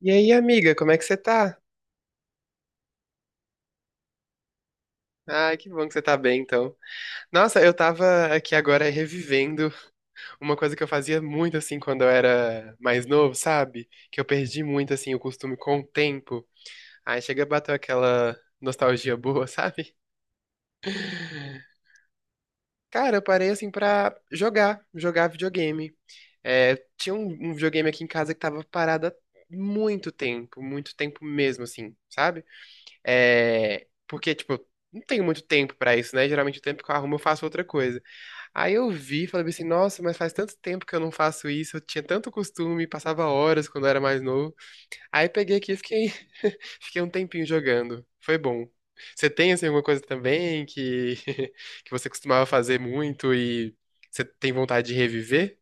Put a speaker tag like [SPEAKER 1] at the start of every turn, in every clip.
[SPEAKER 1] E aí, amiga, como é que você tá? Ai, que bom que você tá bem, então. Nossa, eu tava aqui agora revivendo uma coisa que eu fazia muito, assim, quando eu era mais novo, sabe? Que eu perdi muito, assim, o costume com o tempo. Aí chega a bater aquela nostalgia boa, sabe? Cara, eu parei, assim, pra jogar videogame. É, tinha um, videogame aqui em casa que tava parado há muito tempo mesmo, assim, sabe? É, porque, tipo, eu não tenho muito tempo pra isso, né? Geralmente o tempo que eu arrumo eu faço outra coisa. Aí eu vi, e falei assim, nossa, mas faz tanto tempo que eu não faço isso, eu tinha tanto costume, passava horas quando eu era mais novo. Aí peguei aqui e fiquei, fiquei um tempinho jogando. Foi bom. Você tem, assim, alguma coisa também que, que você costumava fazer muito e você tem vontade de reviver?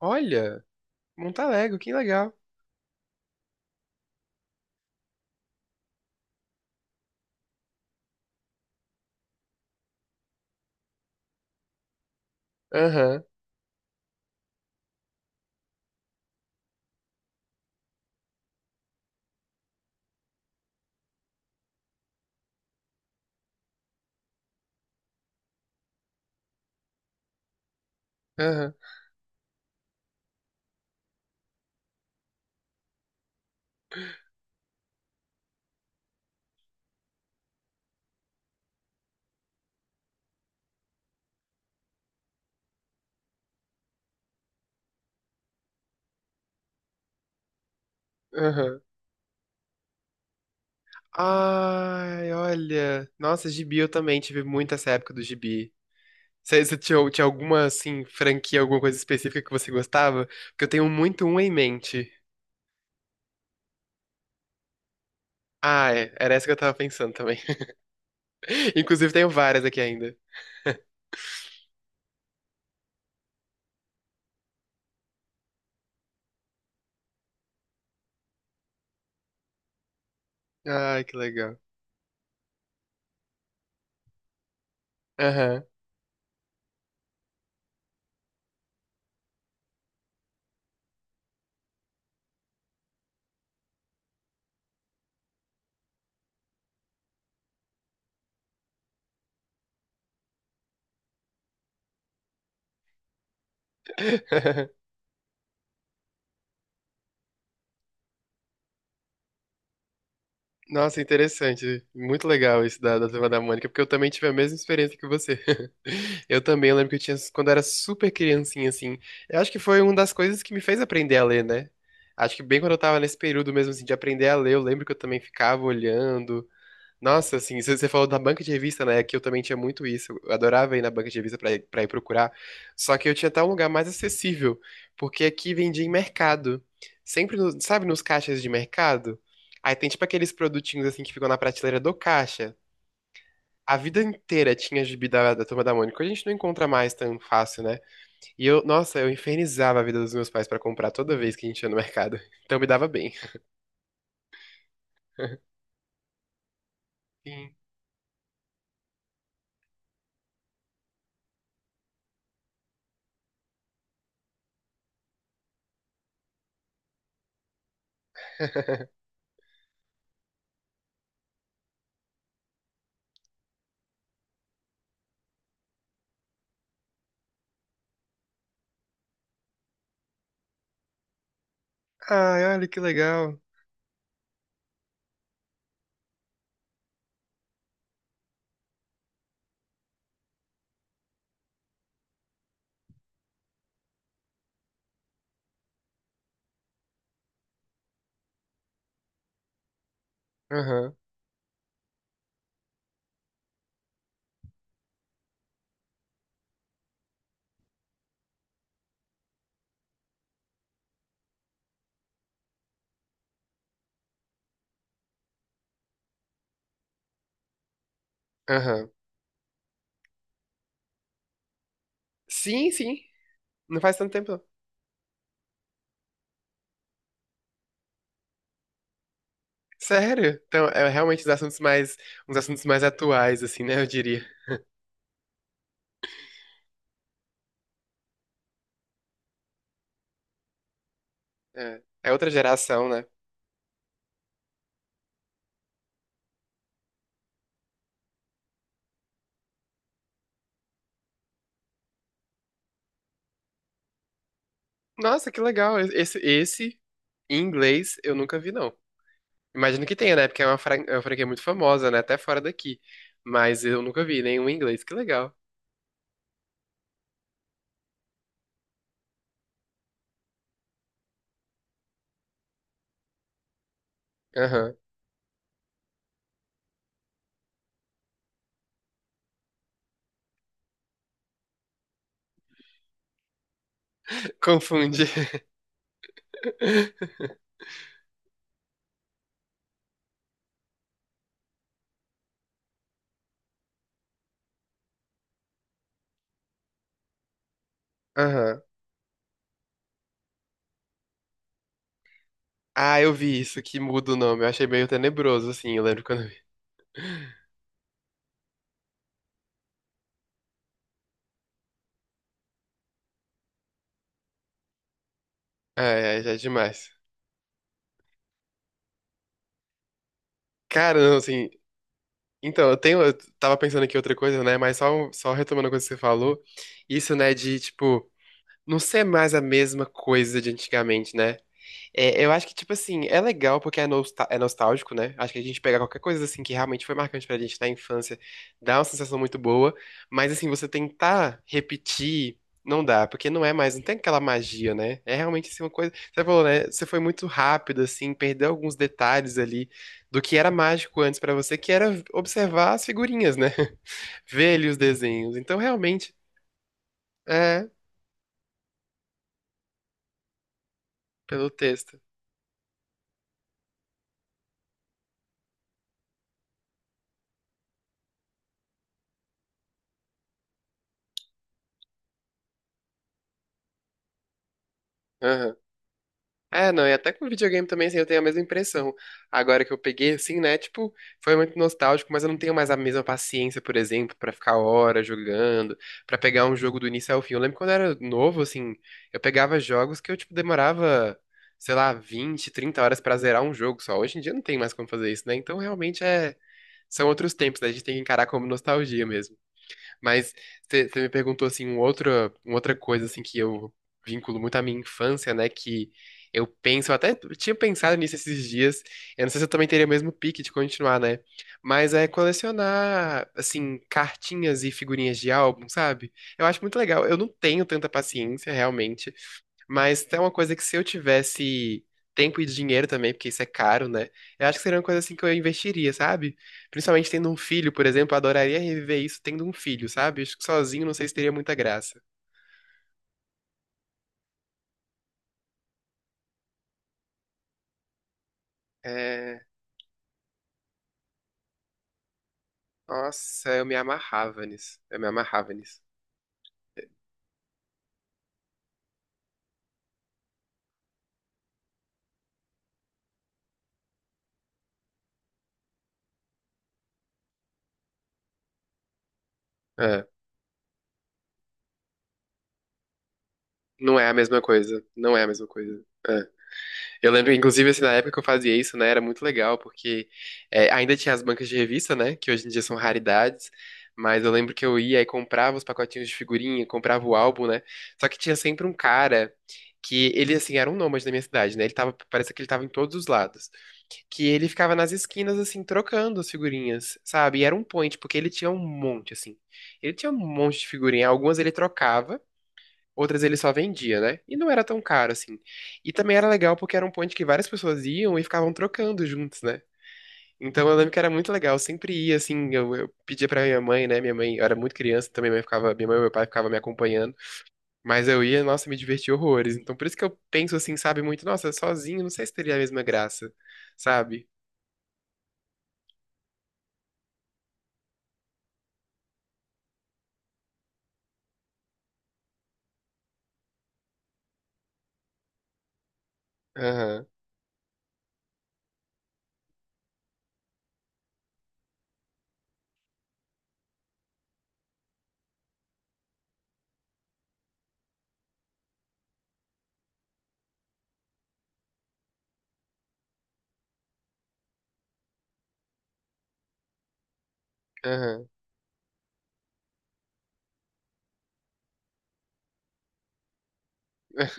[SPEAKER 1] Olha, monta Lego, que legal. Aham, aham, aham. Ai, olha. Nossa, gibi, eu também tive muito essa época do gibi. Você tinha, alguma, assim, franquia, alguma coisa específica que você gostava? Porque eu tenho muito uma em mente. Ah, é. Era essa que eu tava pensando também. Inclusive, tenho várias aqui ainda. Ai, que legal. Aham. Nossa, interessante. Muito legal isso da, Turma da Mônica, porque eu também tive a mesma experiência que você. Eu também lembro que eu tinha, quando eu era super criancinha, assim. Eu acho que foi uma das coisas que me fez aprender a ler, né? Acho que bem quando eu tava nesse período mesmo, assim, de aprender a ler, eu lembro que eu também ficava olhando. Nossa, assim, você falou da banca de revista, né? Que eu também tinha muito isso. Eu adorava ir na banca de revista pra ir procurar. Só que eu tinha até um lugar mais acessível, porque aqui vendia em mercado. Sempre, no- sabe, nos caixas de mercado? Aí tem tipo aqueles produtinhos assim que ficam na prateleira do caixa. A vida inteira tinha gibi da, Turma da Mônica. Hoje a gente não encontra mais tão fácil, né? E eu, nossa, eu infernizava a vida dos meus pais pra comprar toda vez que a gente ia no mercado. Então me dava bem. Sim. Ai, olha que legal. Aham, aham. Sim, sim. Não faz tanto tempo, não. Sério? Então, é realmente os assuntos uns assuntos mais atuais, assim, né? Eu diria. É, é outra geração, né? Nossa, que legal. Esse, em inglês, eu nunca vi, não. Imagino que tenha, né? Porque é uma franquia muito famosa, né? Até fora daqui. Mas eu nunca vi nenhum em inglês. Que legal. Aham. Confunde. Aham. Ah, eu vi isso, que muda o nome. Eu achei meio tenebroso, assim. Eu lembro quando eu vi. Ah, é, já é demais. Cara, não, assim, então, eu tenho, eu tava pensando aqui outra coisa, né? Mas só retomando a coisa que você falou, isso, né, de, tipo, não ser mais a mesma coisa de antigamente, né? É, eu acho que, tipo assim, é legal porque é, nostal- é nostálgico, né? Acho que a gente pega qualquer coisa, assim, que realmente foi marcante pra gente na infância, dá uma sensação muito boa, mas, assim, você tentar repetir, não dá, porque não é mais, não tem aquela magia, né? É realmente, assim, uma coisa. Você falou, né? Você foi muito rápido, assim, perdeu alguns detalhes ali do que era mágico antes pra você, que era observar as figurinhas, né? Ver ali os desenhos. Então, realmente, é, pelo texto. É, não, e até com videogame também, assim, eu tenho a mesma impressão. Agora que eu peguei, assim, né, tipo, foi muito nostálgico, mas eu não tenho mais a mesma paciência, por exemplo, pra ficar horas jogando, pra pegar um jogo do início ao fim. Eu lembro quando eu era novo, assim, eu pegava jogos que eu, tipo, demorava, sei lá, 20, 30 horas pra zerar um jogo só. Hoje em dia não tem mais como fazer isso, né? Então, realmente, é, são outros tempos, né? A gente tem que encarar como nostalgia mesmo. Mas você me perguntou assim uma outra coisa assim que eu vinculo muito à minha infância, né? Que eu penso, eu até tinha pensado nisso esses dias. Eu não sei se eu também teria o mesmo pique de continuar, né? Mas é colecionar assim cartinhas e figurinhas de álbum, sabe? Eu acho muito legal. Eu não tenho tanta paciência realmente, mas é uma coisa que se eu tivesse tempo e dinheiro também, porque isso é caro, né? Eu acho que seria uma coisa assim que eu investiria, sabe? Principalmente tendo um filho, por exemplo, eu adoraria reviver isso tendo um filho, sabe? Acho que sozinho não sei se teria muita graça. É. Nossa, eu me amarrava nisso. Eu me amarrava nisso. É. Não é a mesma coisa. Não é a mesma coisa. É. Eu lembro, inclusive, assim, na época que eu fazia isso, né, era muito legal, porque é, ainda tinha as bancas de revista, né, que hoje em dia são raridades, mas eu lembro que eu ia e comprava os pacotinhos de figurinha, comprava o álbum, né, só que tinha sempre um cara que ele, assim, era um nômade da minha cidade, né, ele tava, parece que ele tava em todos os lados, que ele ficava nas esquinas, assim, trocando as figurinhas, sabe, e era um point, porque ele tinha um monte, assim, ele tinha um monte de figurinha, algumas ele trocava, outras ele só vendia, né? E não era tão caro assim. E também era legal porque era um ponto que várias pessoas iam e ficavam trocando juntos, né? Então eu lembro que era muito legal, eu sempre ia assim, eu pedia pra minha mãe, né? Minha mãe, eu era muito criança também, minha mãe e meu pai ficavam me acompanhando, mas eu ia, nossa, me divertia horrores. Então por isso que eu penso assim, sabe, muito, nossa, sozinho, não sei se teria a mesma graça, sabe? Aham, aham.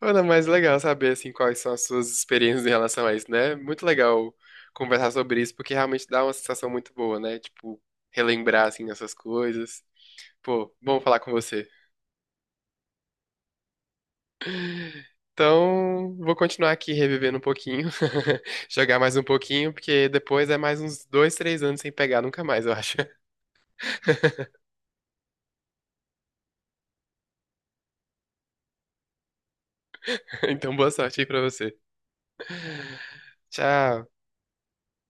[SPEAKER 1] Ana, mas legal saber assim quais são as suas experiências em relação a isso, né? É muito legal conversar sobre isso, porque realmente dá uma sensação muito boa, né? Tipo, relembrar assim essas coisas. Pô, bom falar com você. Então, vou continuar aqui revivendo um pouquinho, jogar mais um pouquinho, porque depois é mais uns 2, 3 anos sem pegar nunca mais, eu acho. Então, boa sorte aí pra você. Tchau.